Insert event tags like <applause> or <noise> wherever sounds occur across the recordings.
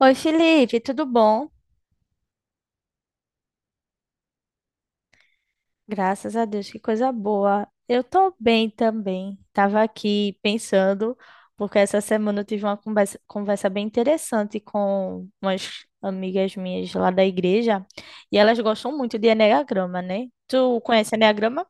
Oi, Felipe, tudo bom? Graças a Deus, que coisa boa. Eu tô bem também. Tava aqui pensando, porque essa semana eu tive uma conversa bem interessante com umas amigas minhas lá da igreja, e elas gostam muito de enneagrama, né? Tu conhece enneagrama?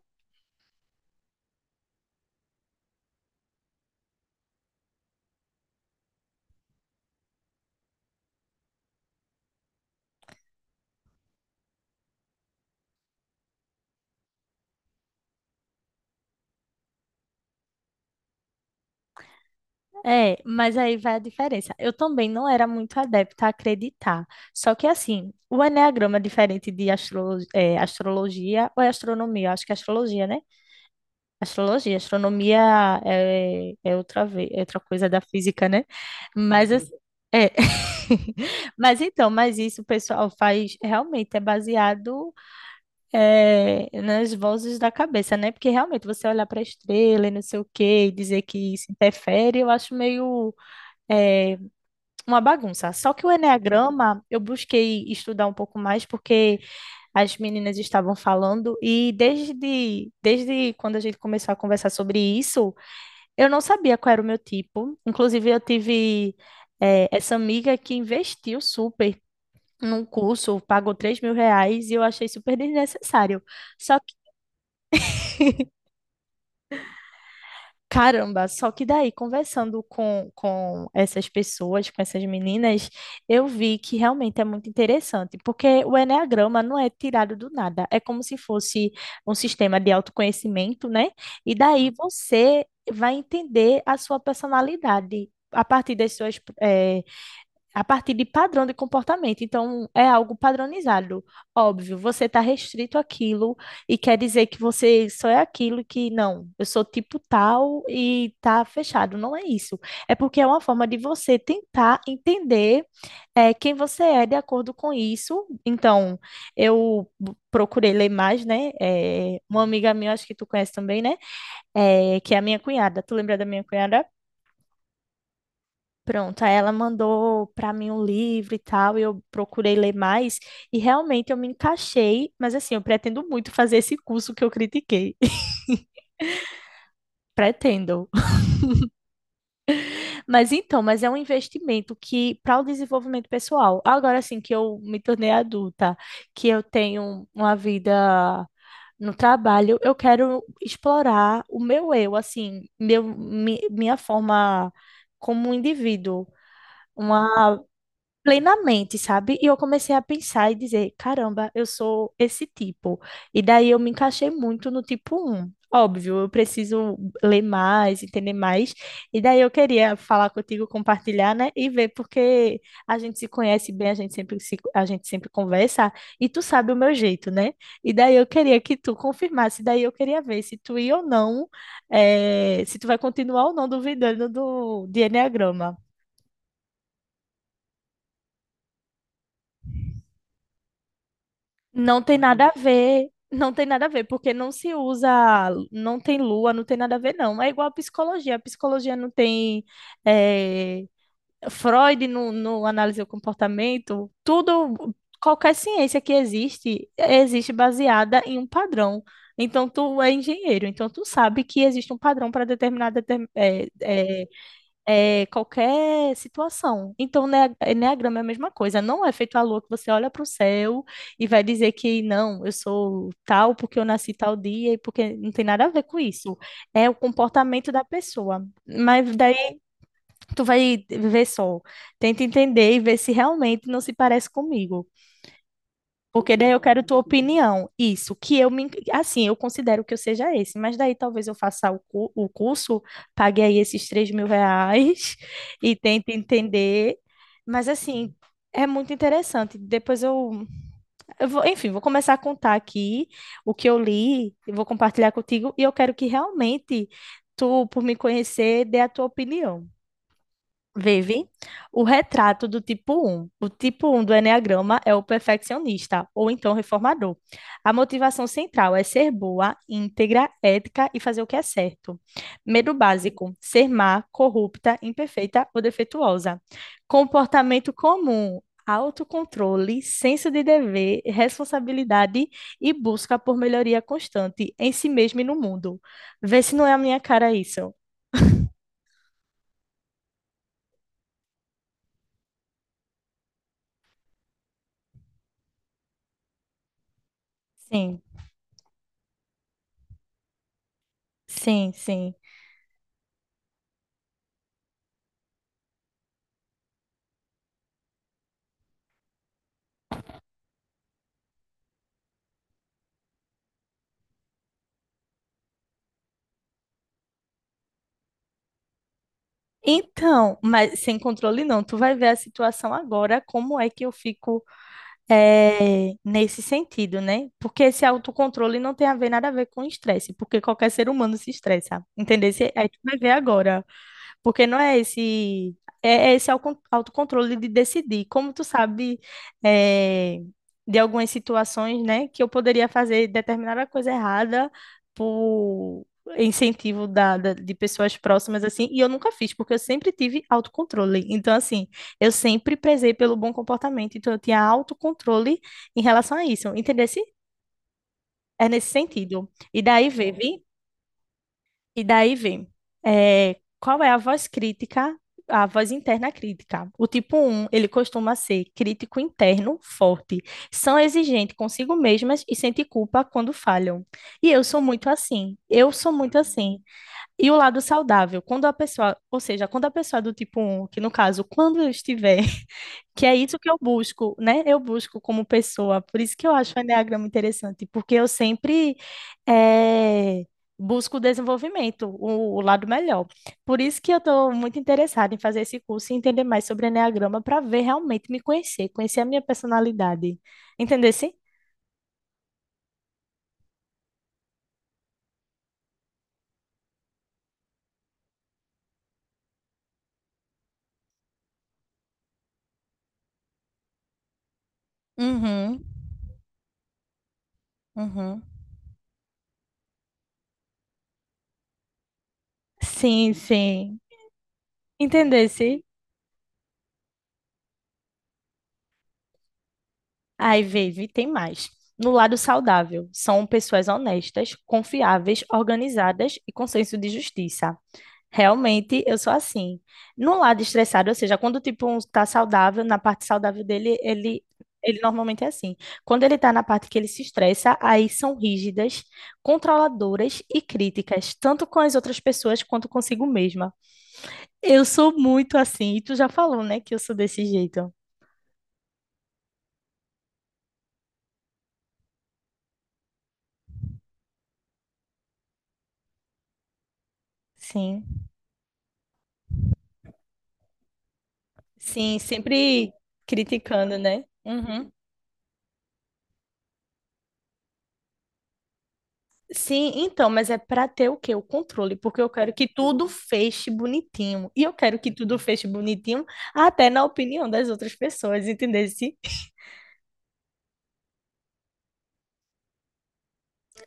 É, mas aí vai a diferença. Eu também não era muito adepta a acreditar. Só que assim, o enneagrama é diferente de astrologia ou é astronomia, eu acho que é astrologia, né? Astrologia, astronomia é outra vez, é outra coisa da física, né? Mas assim, é. <laughs> Mas então, mas isso o pessoal faz realmente é baseado nas vozes da cabeça, né? Porque realmente você olhar para a estrela e não sei o quê e dizer que isso interfere, eu acho meio é, uma bagunça. Só que o enneagrama eu busquei estudar um pouco mais porque as meninas estavam falando e desde quando a gente começou a conversar sobre isso eu não sabia qual era o meu tipo. Inclusive, eu tive essa amiga que investiu super num curso, pagou R$ 3.000 e eu achei super desnecessário. Só que, caramba, só que daí, conversando com essas pessoas, com essas meninas, eu vi que realmente é muito interessante, porque o enneagrama não é tirado do nada, é como se fosse um sistema de autoconhecimento, né? E daí você vai entender a sua personalidade. A partir das a partir de padrão de comportamento. Então, é algo padronizado. Óbvio, você está restrito àquilo e quer dizer que você só é aquilo e que não, eu sou tipo tal e tá fechado. Não é isso. É porque é uma forma de você tentar entender quem você é de acordo com isso. Então, procurei ler mais, né? É, uma amiga minha, acho que tu conhece também, né? É, que é a minha cunhada. Tu lembra da minha cunhada? Pronto, aí ela mandou para mim um livro e tal, e eu procurei ler mais, e realmente eu me encaixei, mas assim, eu pretendo muito fazer esse curso que eu critiquei. <laughs> Pretendo. Mas então, mas é um investimento que para o desenvolvimento pessoal. Agora assim que eu me tornei adulta, que eu tenho uma vida no trabalho, eu quero explorar o meu eu, assim, minha forma como um indivíduo. Uma plenamente, sabe? E eu comecei a pensar e dizer, caramba, eu sou esse tipo. E daí eu me encaixei muito no tipo um. Óbvio, eu preciso ler mais, entender mais. E daí eu queria falar contigo, compartilhar, né? E ver porque a gente se conhece bem, a gente sempre se, a gente sempre conversa e tu sabe o meu jeito, né? E daí eu queria que tu confirmasse, daí eu queria ver se tu ia ou não, se tu vai continuar ou não duvidando de Eneagrama. Não tem nada a ver, não tem nada a ver, porque não se usa, não tem lua, não tem nada a ver, não. É igual a psicologia não tem eh, Freud no análise do comportamento, tudo, qualquer ciência que existe, existe baseada em um padrão. Então, tu é engenheiro, então tu sabe que existe um padrão para determinada qualquer situação. Então, né, enneagrama é a mesma coisa. Não é feito à lua que você olha para o céu e vai dizer que não, eu sou tal porque eu nasci tal dia e porque não tem nada a ver com isso. É o comportamento da pessoa. Mas daí tu vai ver só, tenta entender e ver se realmente não se parece comigo. Porque daí eu quero tua opinião. Isso, que eu me, assim, eu considero que eu seja esse, mas daí talvez eu faça o curso, pague aí esses R$ 3.000 <laughs> e tente entender. Mas assim, é muito interessante. Depois eu vou, enfim, vou começar a contar aqui o que eu li, e vou compartilhar contigo, e eu quero que realmente tu, por me conhecer, dê a tua opinião. Vive. O retrato do tipo um. O tipo um do eneagrama é o perfeccionista, ou então reformador. A motivação central é ser boa, íntegra, ética e fazer o que é certo. Medo básico, ser má, corrupta, imperfeita ou defeituosa. Comportamento comum, autocontrole, senso de dever, responsabilidade e busca por melhoria constante em si mesmo e no mundo. Vê se não é a minha cara isso. Sim, sim, sim. Então, mas sem controle não, tu vai ver a situação agora, como é que eu fico nesse sentido, né? Porque esse autocontrole não tem a ver nada a ver com estresse, porque qualquer ser humano se estressa, entendeu? Aí tu vai ver agora. Porque não é esse, é esse autocontrole de decidir. Como tu sabe, eh, de algumas situações, né, que eu poderia fazer determinada coisa errada por incentivo de pessoas próximas, assim, e eu nunca fiz, porque eu sempre tive autocontrole. Então, assim, eu sempre prezei pelo bom comportamento, então eu tinha autocontrole em relação a isso, entendesse? É nesse sentido. E daí, vê, vi? E daí vem, qual é a voz crítica, a voz interna crítica? O tipo um ele costuma ser crítico interno, forte, são exigentes consigo mesmas e sente culpa quando falham. Eu sou muito assim. E o lado saudável, quando a pessoa, ou seja, quando a pessoa é do tipo um, que no caso, quando eu estiver que é isso que eu busco, né? Eu busco como pessoa. Por isso que eu acho o Enneagrama interessante, porque eu sempre eh, busco o desenvolvimento, o lado melhor. Por isso que eu estou muito interessada em fazer esse curso e entender mais sobre Enneagrama para ver realmente me conhecer, conhecer a minha personalidade. Entendesse? Uhum, uhum. Sim, sim. Entendesse? Ai, Vivi, tem mais. No lado saudável, são pessoas honestas, confiáveis, organizadas e com senso de justiça. Realmente, eu sou assim. No lado estressado, ou seja, quando o tipo um tá saudável, na parte saudável dele, ele normalmente é assim. Quando ele está na parte que ele se estressa, aí são rígidas, controladoras e críticas, tanto com as outras pessoas quanto consigo mesma. Eu sou muito assim, e tu já falou, né, que eu sou desse jeito. Sim. Sim, sempre criticando, né? Uhum. Sim, então, mas é para ter o quê? O controle, porque eu quero que tudo feche bonitinho. E eu quero que tudo feche bonitinho até na opinião das outras pessoas, entendeu?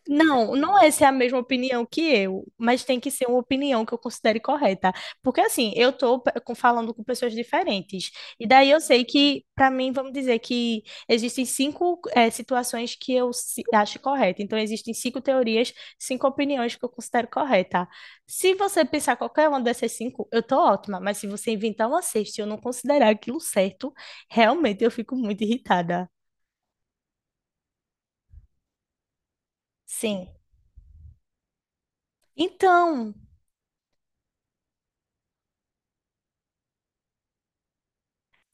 Não, não é se é a mesma opinião que eu, mas tem que ser uma opinião que eu considere correta. Porque assim, eu estou falando com pessoas diferentes. E daí eu sei que, para mim, vamos dizer que existem cinco situações que eu acho correta. Então, existem cinco teorias, cinco opiniões que eu considero correta. Se você pensar qualquer uma dessas cinco, eu tô ótima. Mas se você inventar uma sexta e eu não considerar aquilo certo, realmente eu fico muito irritada. Sim. Então,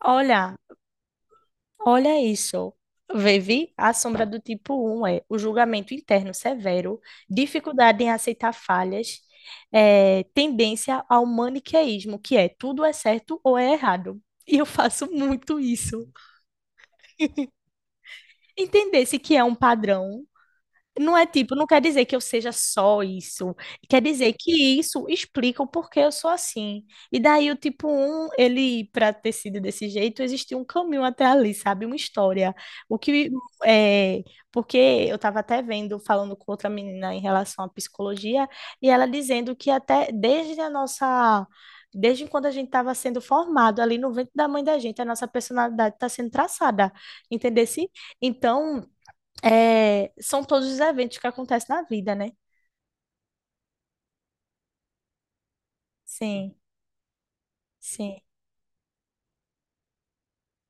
olha. Olha isso. Vivi, a sombra do tipo um é o julgamento interno severo, dificuldade em aceitar falhas, tendência ao maniqueísmo, que é tudo é certo ou é errado. E eu faço muito isso. Entender-se que é um padrão não é tipo, não quer dizer que eu seja só isso. Quer dizer que isso explica o porquê eu sou assim. E daí o tipo um, ele, para ter sido desse jeito, existiu um caminho até ali, sabe? Uma história. O que é. Porque eu estava até vendo, falando com outra menina em relação à psicologia, e ela dizendo que até desde a nossa. Desde quando a gente estava sendo formado ali no ventre da mãe da gente, a nossa personalidade está sendo traçada, entendeu? Então, são todos os eventos que acontecem na vida, né? Sim, sim.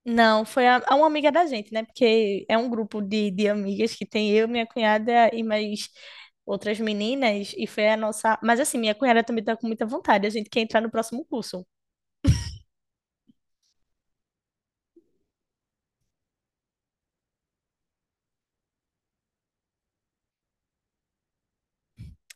Não, foi a uma amiga da gente, né? Porque é um grupo de amigas que tem eu, minha cunhada e mais outras meninas, e foi a nossa. Mas assim, minha cunhada também tá com muita vontade, a gente quer entrar no próximo curso.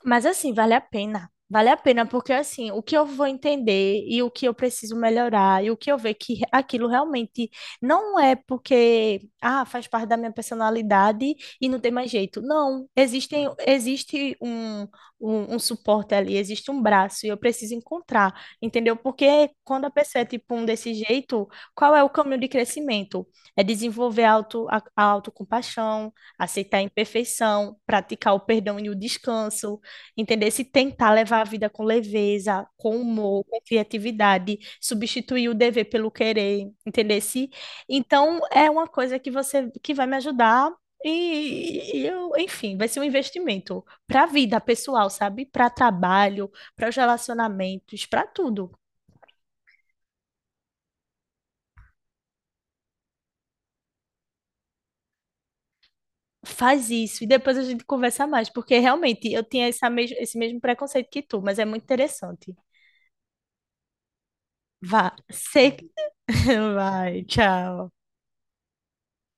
Mas assim, vale a pena. Vale a pena, porque assim, o que eu vou entender e o que eu preciso melhorar, e o que eu ver que aquilo realmente não é porque, ah, faz parte da minha personalidade e não tem mais jeito. Não, existem, existe um suporte ali, existe um braço, e eu preciso encontrar, entendeu? Porque quando a pessoa é tipo um desse jeito, qual é o caminho de crescimento? É desenvolver a a autocompaixão, aceitar a imperfeição, praticar o perdão e o descanso. Entender se tentar levar a vida com leveza, com humor, com criatividade, substituir o dever pelo querer, entender se. Então é uma coisa que você que vai me ajudar e eu, enfim, vai ser um investimento para a vida pessoal, sabe? Para trabalho, para os relacionamentos, para tudo. Faz isso e depois a gente conversa mais, porque realmente eu tinha essa mes esse mesmo preconceito que tu, mas é muito interessante. Vá, se... <laughs> vai, tchau.